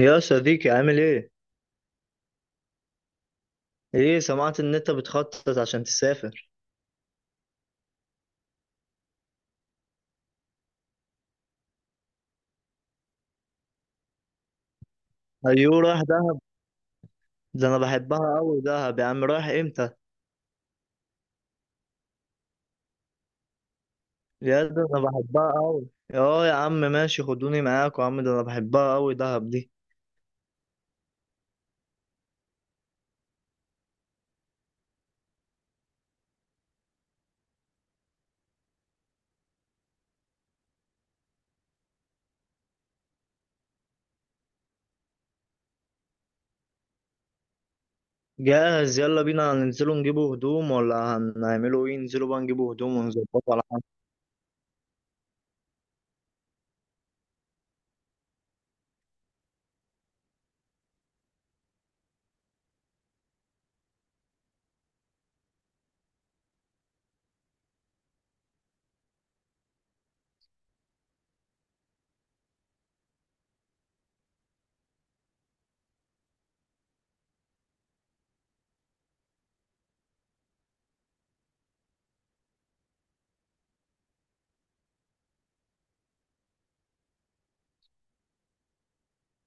يا صديقي، عامل ايه؟ ايه، سمعت ان انت بتخطط عشان تسافر. ايوه، رايح دهب. ده انا بحبها قوي دهب يا عم، رايح امتى؟ يا، ده انا بحبها قوي. اه يا عم، ماشي، خدوني معاك يا عم، ده انا بحبها قوي دهب دي. جاهز، يلا بينا. هننزلوا نجيبوا هدوم ولا هنعملوا ايه؟ ننزلوا بقى نجيبوا هدوم ونظبطوا على حاجة.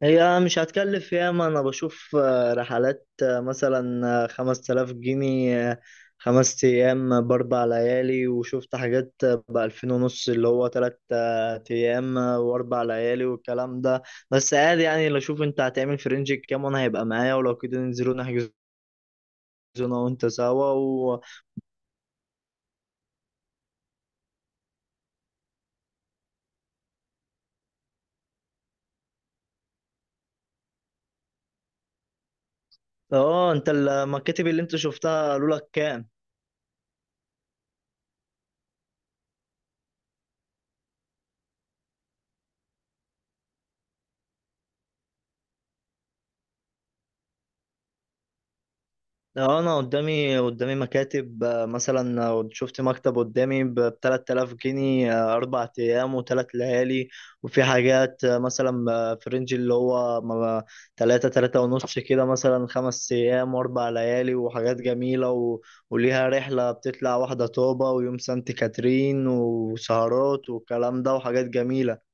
هي مش هتكلف ياما، انا بشوف رحلات، مثلا 5000 جنيه، 5 ايام ب4 ليالي. وشفت حاجات ب2500، اللي هو تلات ايام واربع ليالي والكلام ده. بس عادي يعني، لو اشوف انت هتعمل في رينج كام وانا هيبقى معايا، ولو كده ننزلوا نحجزوا. انا وانت سوا. اه، انت المكاتب اللي انت شفتها قالوا لك كام؟ اه، انا قدامي مكاتب، مثلا، شفت مكتب قدامي ب 3000 جنيه، 4 ايام و3 ليالي. وفي حاجات مثلا، في رينج اللي هو تلاتة تلاتة ونص كده، مثلا 5 ايام و4 ليالي وحاجات جميلة. وليها رحلة بتطلع واحدة طوبة ويوم سانت كاترين وسهرات والكلام ده وحاجات جميلة.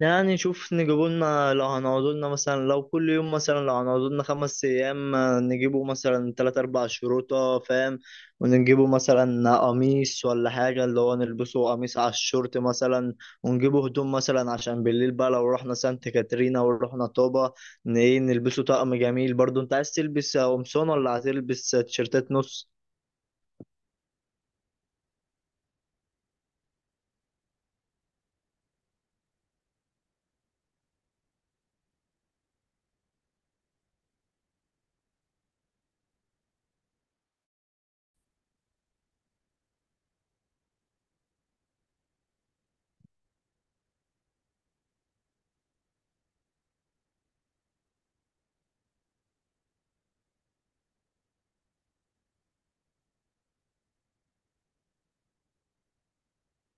يعني شوف، نجيبوا لنا لو هنقعدوا لنا مثلا، لو كل يوم مثلا، لو هنقعدوا لنا 5 أيام، نجيبوا مثلا 3 أو 4 شروطة، فاهم. ونجيبوا مثلا قميص ولا حاجة اللي هو نلبسه قميص على الشورت مثلا. ونجيبوا هدوم مثلا عشان بالليل بقى، لو رحنا سانت كاترينا ورحنا طوبة، إيه، نلبسه طقم جميل برضو. أنت عايز تلبس قمصان ولا هتلبس تيشيرتات نص؟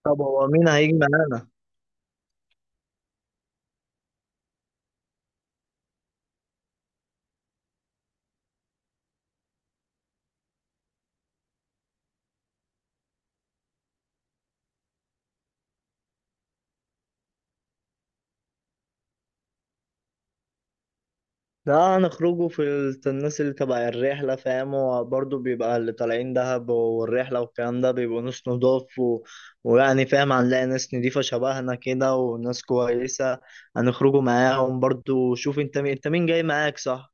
طب هو مين هيجي معانا؟ ده هنخرجوا في الناس اللي تبع الرحلة، فاهم. وبرضه بيبقى اللي طالعين دهب والرحلة والكلام ده بيبقوا ناس نضاف. ويعني فاهم، هنلاقي ناس نضيفة شبهنا كده وناس كويسة. هنخرجوا معاهم برضه. شوف انت مين، انت مين جاي معاك، صح؟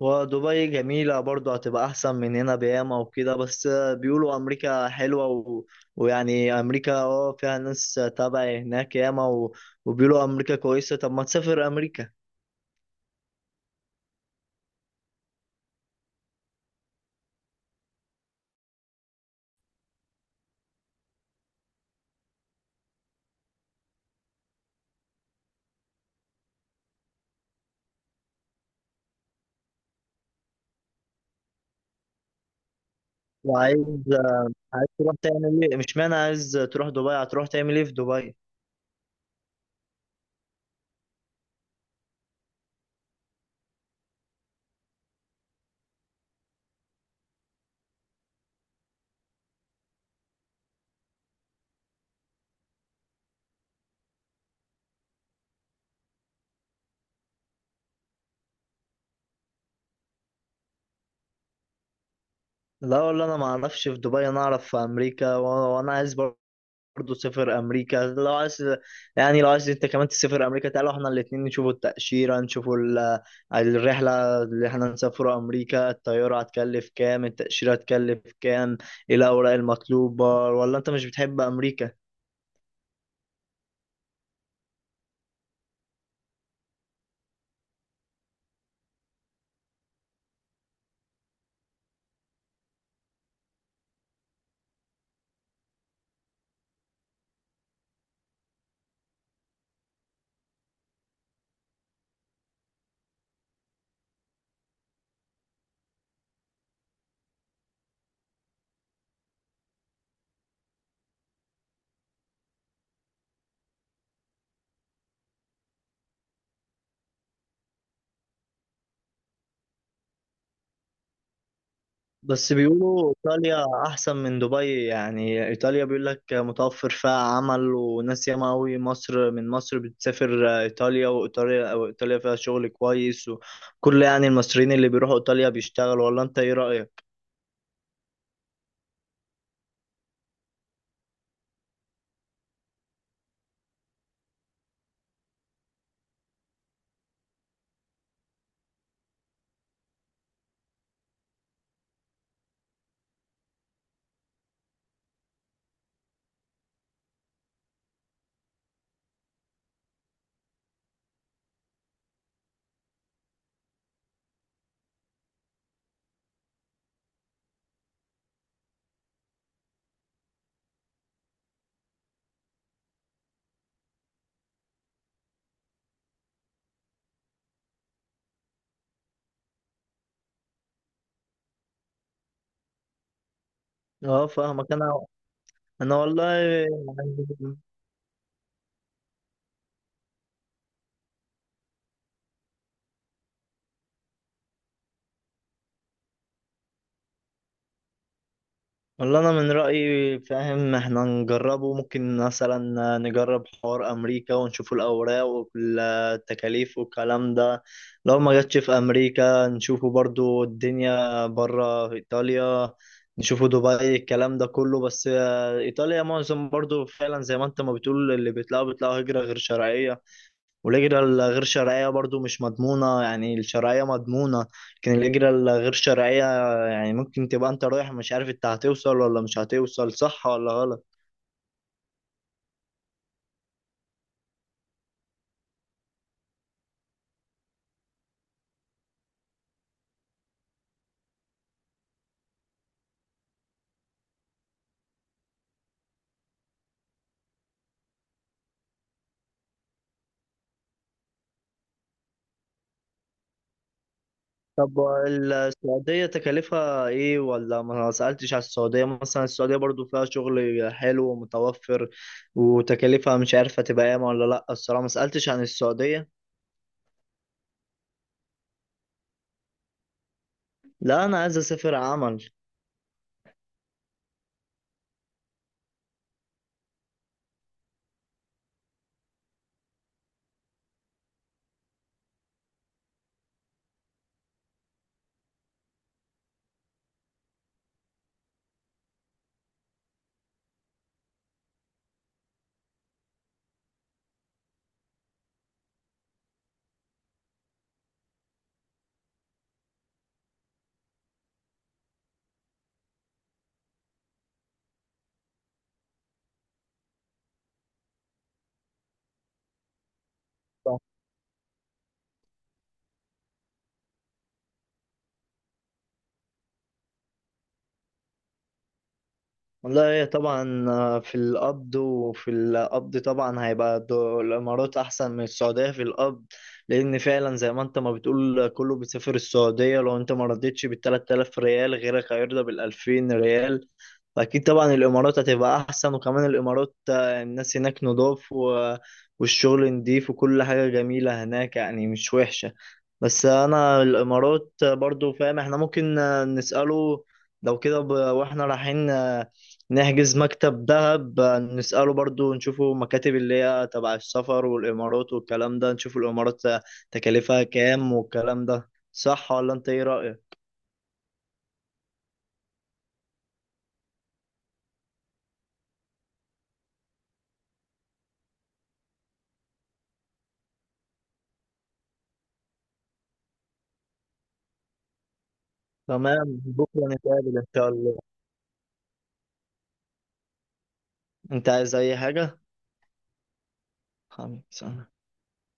ودبي جميلة برضه، هتبقى أحسن من هنا بياما وكده. بس بيقولوا أمريكا حلوة. ويعني أمريكا فيها ناس تابع هناك ياما. وبيقولوا أمريكا كويسة، طب ما تسافر أمريكا؟ وعايز، تروح تعمل ايه؟ مش معنى عايز تروح دبي هتروح تعمل ايه في دبي؟ لا والله، انا ما اعرفش في دبي، انا اعرف في امريكا. وانا عايز برضه اسافر امريكا لو عايز. يعني لو عايز انت كمان تسافر امريكا، تعالوا احنا الاتنين نشوفوا التأشيرة، نشوفوا الرحلة اللي احنا نسافروا امريكا. الطيارة هتكلف كام؟ التأشيرة هتكلف كام؟ ايه الاوراق المطلوبة؟ ولا انت مش بتحب امريكا؟ بس بيقولوا إيطاليا أحسن من دبي. يعني إيطاليا بيقول لك متوفر فيها عمل وناس ياما أوي. مصر، من مصر بتسافر إيطاليا وإيطاليا وإيطاليا فيها شغل كويس. وكل يعني المصريين اللي بيروحوا إيطاليا بيشتغلوا، ولا أنت إيه رأيك؟ أه، فاهمك أنا. أنا والله يعني، والله انا من رايي، فاهم، احنا نجربه. ممكن مثلا نجرب حوار امريكا ونشوف الاوراق والتكاليف والكلام ده. لو ما جاتش في امريكا نشوفه برضو الدنيا بره في ايطاليا، نشوفه دبي، الكلام ده كله. بس ايطاليا معظم برضو، فعلا زي ما انت ما بتقول، اللي بيطلعوا بيطلعوا هجرة غير شرعية. والهجرة الغير شرعية برضو مش مضمونة، يعني الشرعية مضمونة، لكن الهجرة الغير شرعية يعني ممكن تبقى انت رايح مش عارف انت هتوصل ولا مش هتوصل، صح ولا غلط. طب السعودية تكاليفها ايه، ولا ما سألتش على السعودية؟ مثلا السعودية برضو فيها شغل حلو ومتوفر، وتكاليفها مش عارف هتبقى ايه ولا لا. الصراحة ما سألتش عن السعودية. لا، انا عايز اسافر عمل. والله هي طبعا في القبض، وفي القبض طبعا هيبقى الإمارات أحسن من السعودية في القبض. لأن فعلا زي ما أنت ما بتقول كله بيسافر السعودية، لو أنت ما رضيتش بال3000 ريال غيرك هيرضى ب2000 ريال. فأكيد طبعا الإمارات هتبقى أحسن. وكمان الإمارات الناس هناك نضاف، والشغل نضيف، وكل حاجة جميلة هناك يعني مش وحشة. بس أنا الإمارات برضو فاهم إحنا ممكن نسأله، لو كده وإحنا رايحين نحجز مكتب دهب، نسأله برضو، نشوفه مكاتب اللي هي تبع السفر، والإمارات والكلام ده نشوف الإمارات تكلفها كام والكلام ده، صح ولا أنت إيه رأيك؟ تمام، بكرة نتقابل إن شاء الله. أنت عايز أي حاجة؟ خمسة.